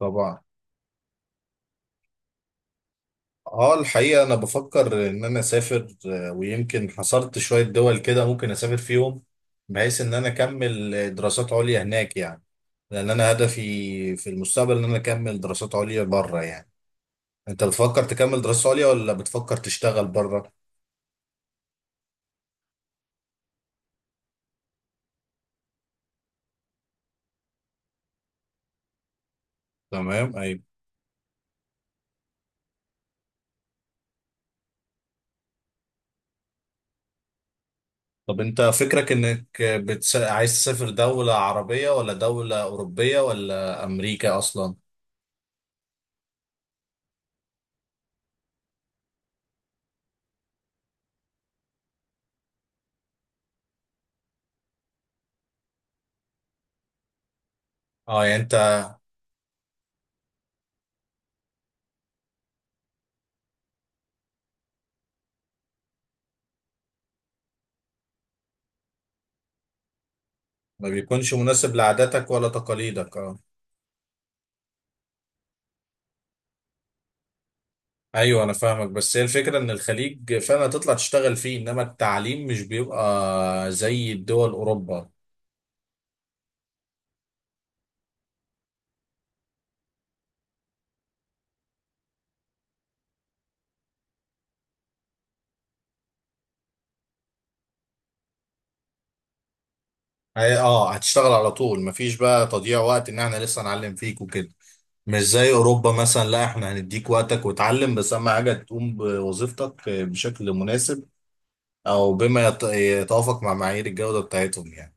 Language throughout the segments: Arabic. طبعا. اه الحقيقة أنا بفكر إن أنا أسافر، ويمكن حصرت شوية دول كده ممكن أسافر فيهم. بحيث إن أنا أكمل دراسات عليا هناك يعني. لأن أنا هدفي في المستقبل إن أنا أكمل دراسات عليا بره يعني. أنت بتفكر تكمل دراسات عليا ولا بتفكر تشتغل بره؟ تمام، أيوة. طب أنت فكرك إنك عايز تسافر دولة عربية ولا دولة أوروبية ولا أمريكا أصلا؟ اه، يعني أنت، ما بيكونش مناسب لعاداتك ولا تقاليدك. اه. ايوه، انا فاهمك. بس هي الفكره ان الخليج فعلا هتطلع تشتغل فيه، انما التعليم مش بيبقى زي الدول اوروبا. اه، هتشتغل على طول، مفيش بقى تضييع وقت ان احنا لسه نعلم فيك وكده. مش زي اوروبا مثلا، لا احنا هنديك وقتك وتعلم، بس اهم حاجه تقوم بوظيفتك بشكل مناسب، او بما يتوافق مع معايير الجوده بتاعتهم يعني.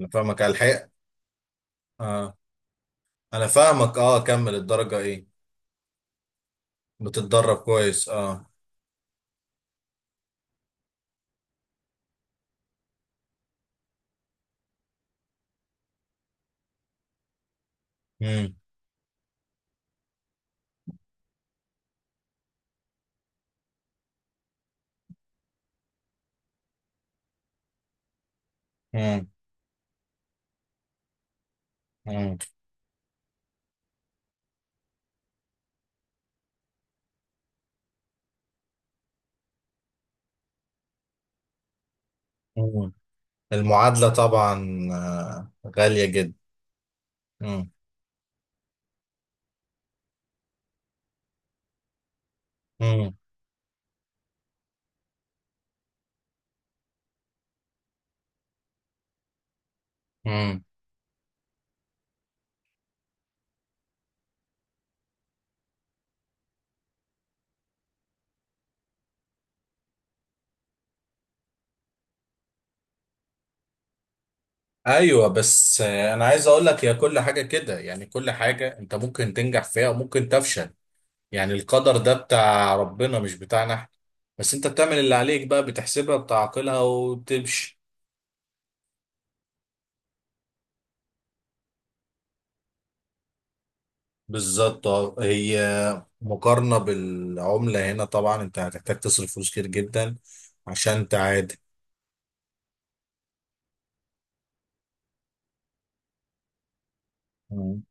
انا فاهمك على الحقيقه. اه، انا فاهمك. اه، كمل. الدرجه ايه؟ بتتدرب كويس؟ اه. امم. امم. المعادلة طبعا غالية جدا. مم. مم. مم. ايوه، بس انا عايز اقول لك، هي كل حاجة كده يعني، كل حاجة انت ممكن تنجح فيها وممكن تفشل. يعني القدر ده بتاع ربنا مش بتاعنا احنا. بس انت بتعمل اللي عليك بقى، بتحسبها بتعقلها وبتمشي. بالظبط. هي مقارنة بالعملة هنا طبعا انت هتحتاج تصرف فلوس كتير جدا عشان تعادل. مم.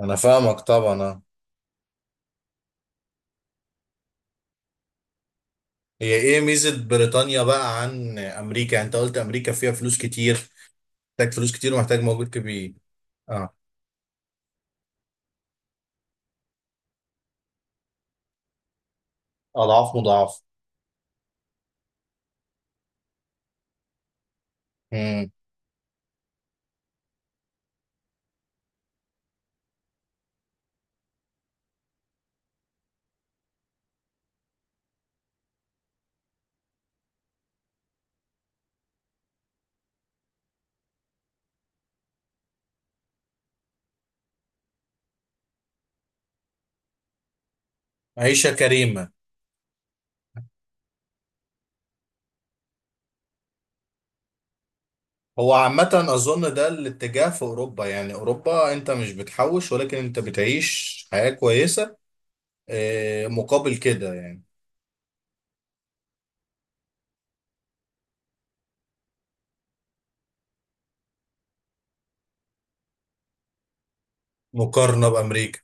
انا فاهمك طبعا هي ايه ميزة بريطانيا بقى عن امريكا؟ يعني انت قلت امريكا فيها فلوس كتير. محتاج فلوس كتير ومحتاج موجود كبير. اه، اضعاف مضاعف. امم. عيشة كريمة. هو عامة اظن ده الاتجاه في اوروبا يعني، اوروبا انت مش بتحوش ولكن انت بتعيش حياة كويسة، مقابل كده يعني. مقارنة بامريكا.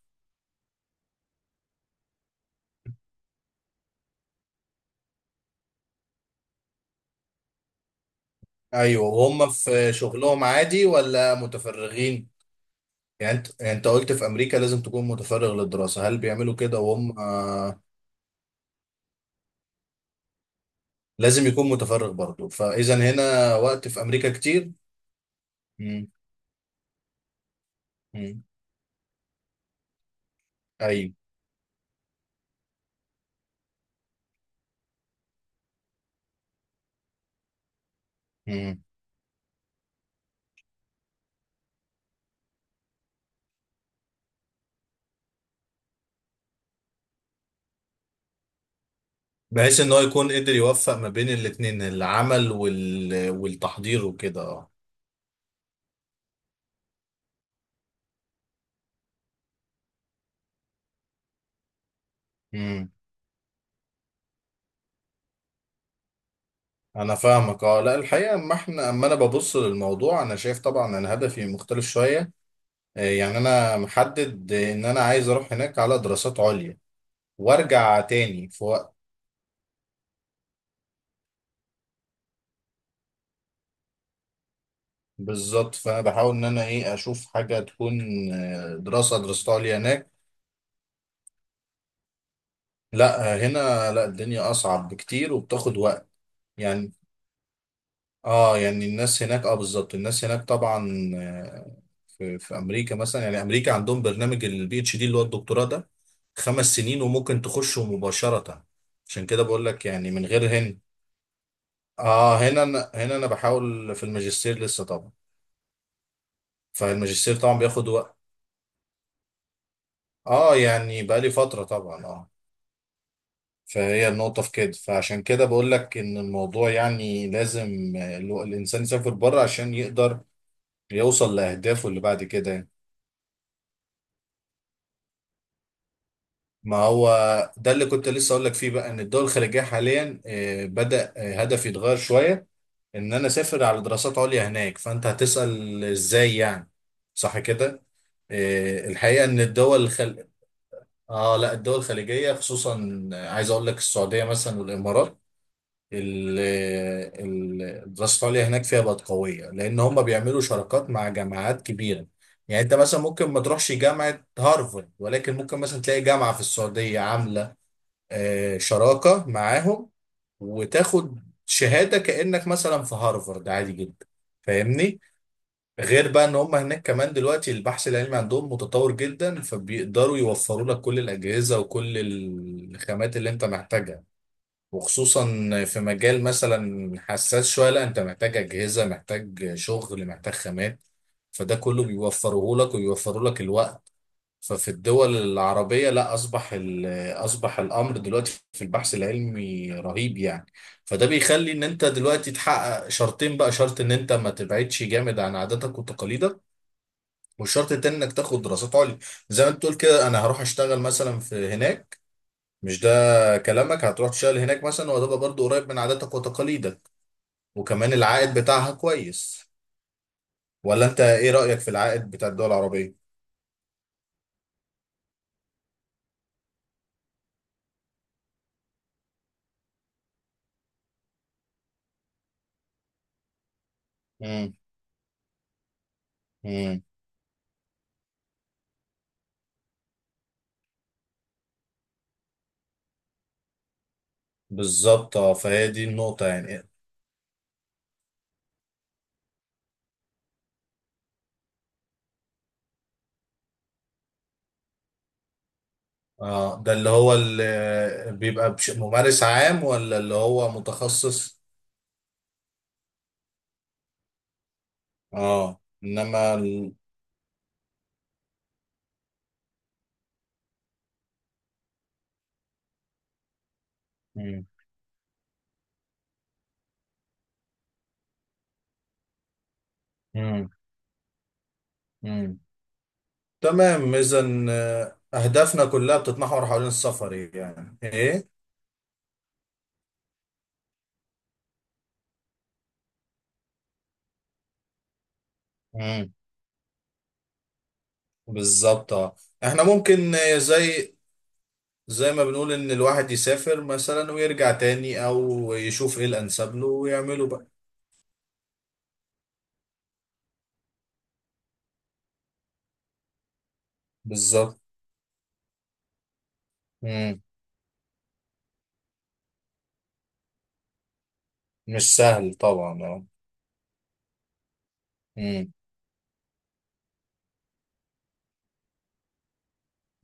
ايوه، وهم في شغلهم عادي ولا متفرغين؟ يعني انت قلت في امريكا لازم تكون متفرغ للدراسة، هل بيعملوا كده وهم؟ لازم يكون متفرغ برضه، فاذا هنا وقت في امريكا كتير. مم. مم. ايوه. مم. بحيث ان هو يكون قدر يوفق ما بين الاتنين، العمل والتحضير وكده. اه. مم. انا فاهمك. اه، لا الحقيقه، اما انا ببص للموضوع، انا شايف طبعا انا هدفي مختلف شويه. يعني انا محدد ان انا عايز اروح هناك على دراسات عليا وارجع تاني في وقت. بالظبط، فانا بحاول ان انا ايه اشوف حاجه تكون دراسات عليا هناك. لا هنا، لا الدنيا اصعب بكتير وبتاخد وقت يعني. اه، يعني الناس هناك، اه بالظبط الناس هناك طبعا، في امريكا مثلا، يعني امريكا عندهم برنامج PhD اللي هو الدكتوراه ده 5 سنين وممكن تخشه مباشرة. عشان كده بقول لك يعني، من غير هنا. اه هنا أنا هنا انا بحاول في الماجستير لسه طبعا. فالماجستير طبعا بياخد وقت. اه، يعني بقالي فترة طبعا. اه. فهي النقطة في كده، فعشان كده بقول لك إن الموضوع يعني لازم الإنسان يسافر بره عشان يقدر يوصل لأهدافه اللي بعد كده يعني. ما هو ده اللي كنت لسه أقول لك فيه بقى، إن الدول الخليجية حاليا بدأ هدف يتغير شوية. إن أنا أسافر على دراسات عليا هناك، فأنت هتسأل إزاي يعني، صح كده؟ الحقيقة إن الدول الخل... آه لا الدول الخليجية خصوصا، عايز أقول لك السعودية مثلا والإمارات. ال- الدراسة العليا هناك فيها بقت قوية، لأن هم بيعملوا شراكات مع جامعات كبيرة. يعني أنت مثلا ممكن ما تروحش جامعة هارفارد، ولكن ممكن مثلا تلاقي جامعة في السعودية عاملة شراكة معاهم، وتاخد شهادة كأنك مثلا في هارفارد عادي جدا. فاهمني؟ غير بقى ان هم هناك كمان دلوقتي البحث العلمي عندهم متطور جدا، فبيقدروا يوفروا لك كل الأجهزة وكل الخامات اللي انت محتاجها. وخصوصا في مجال مثلا حساس شوية، لا انت محتاج أجهزة، محتاج شغل، محتاج خامات. فده كله بيوفره لك، ويوفروا لك الوقت. ففي الدول العربية، لا أصبح أصبح الأمر دلوقتي في البحث العلمي رهيب يعني. فده بيخلي إن أنت دلوقتي تحقق شرطين بقى، شرط إن أنت ما تبعدش جامد عن عاداتك وتقاليدك. والشرط التاني إنك تاخد دراسات عليا. زي ما أنت تقول كده أنا هروح أشتغل مثلا في هناك، مش ده كلامك؟ هتروح تشتغل هناك مثلا وهتبقى برضو قريب من عاداتك وتقاليدك. وكمان العائد بتاعها كويس. ولا انت ايه رأيك في العائد بتاع الدول العربية؟ امم. امم. بالظبط اه، فهي دي النقطة يعني. اه، ده اللي هو اللي بيبقى ممارس عام ولا اللي هو متخصص؟ اه، انما مم. مم. مم. تمام، اذا اهدافنا كلها بتتمحور حوالين السفر، يعني ايه؟ بالظبط اه، احنا ممكن زي ما بنقول ان الواحد يسافر مثلا ويرجع تاني، او يشوف ايه الانسب له ويعمله بقى. بالظبط. مم. مش سهل طبعا. اه. مم.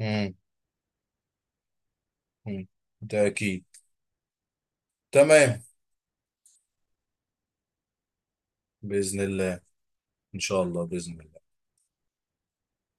مم. مم. ده اكيد. تمام. بإذن الله. ان شاء الله، بإذن الله.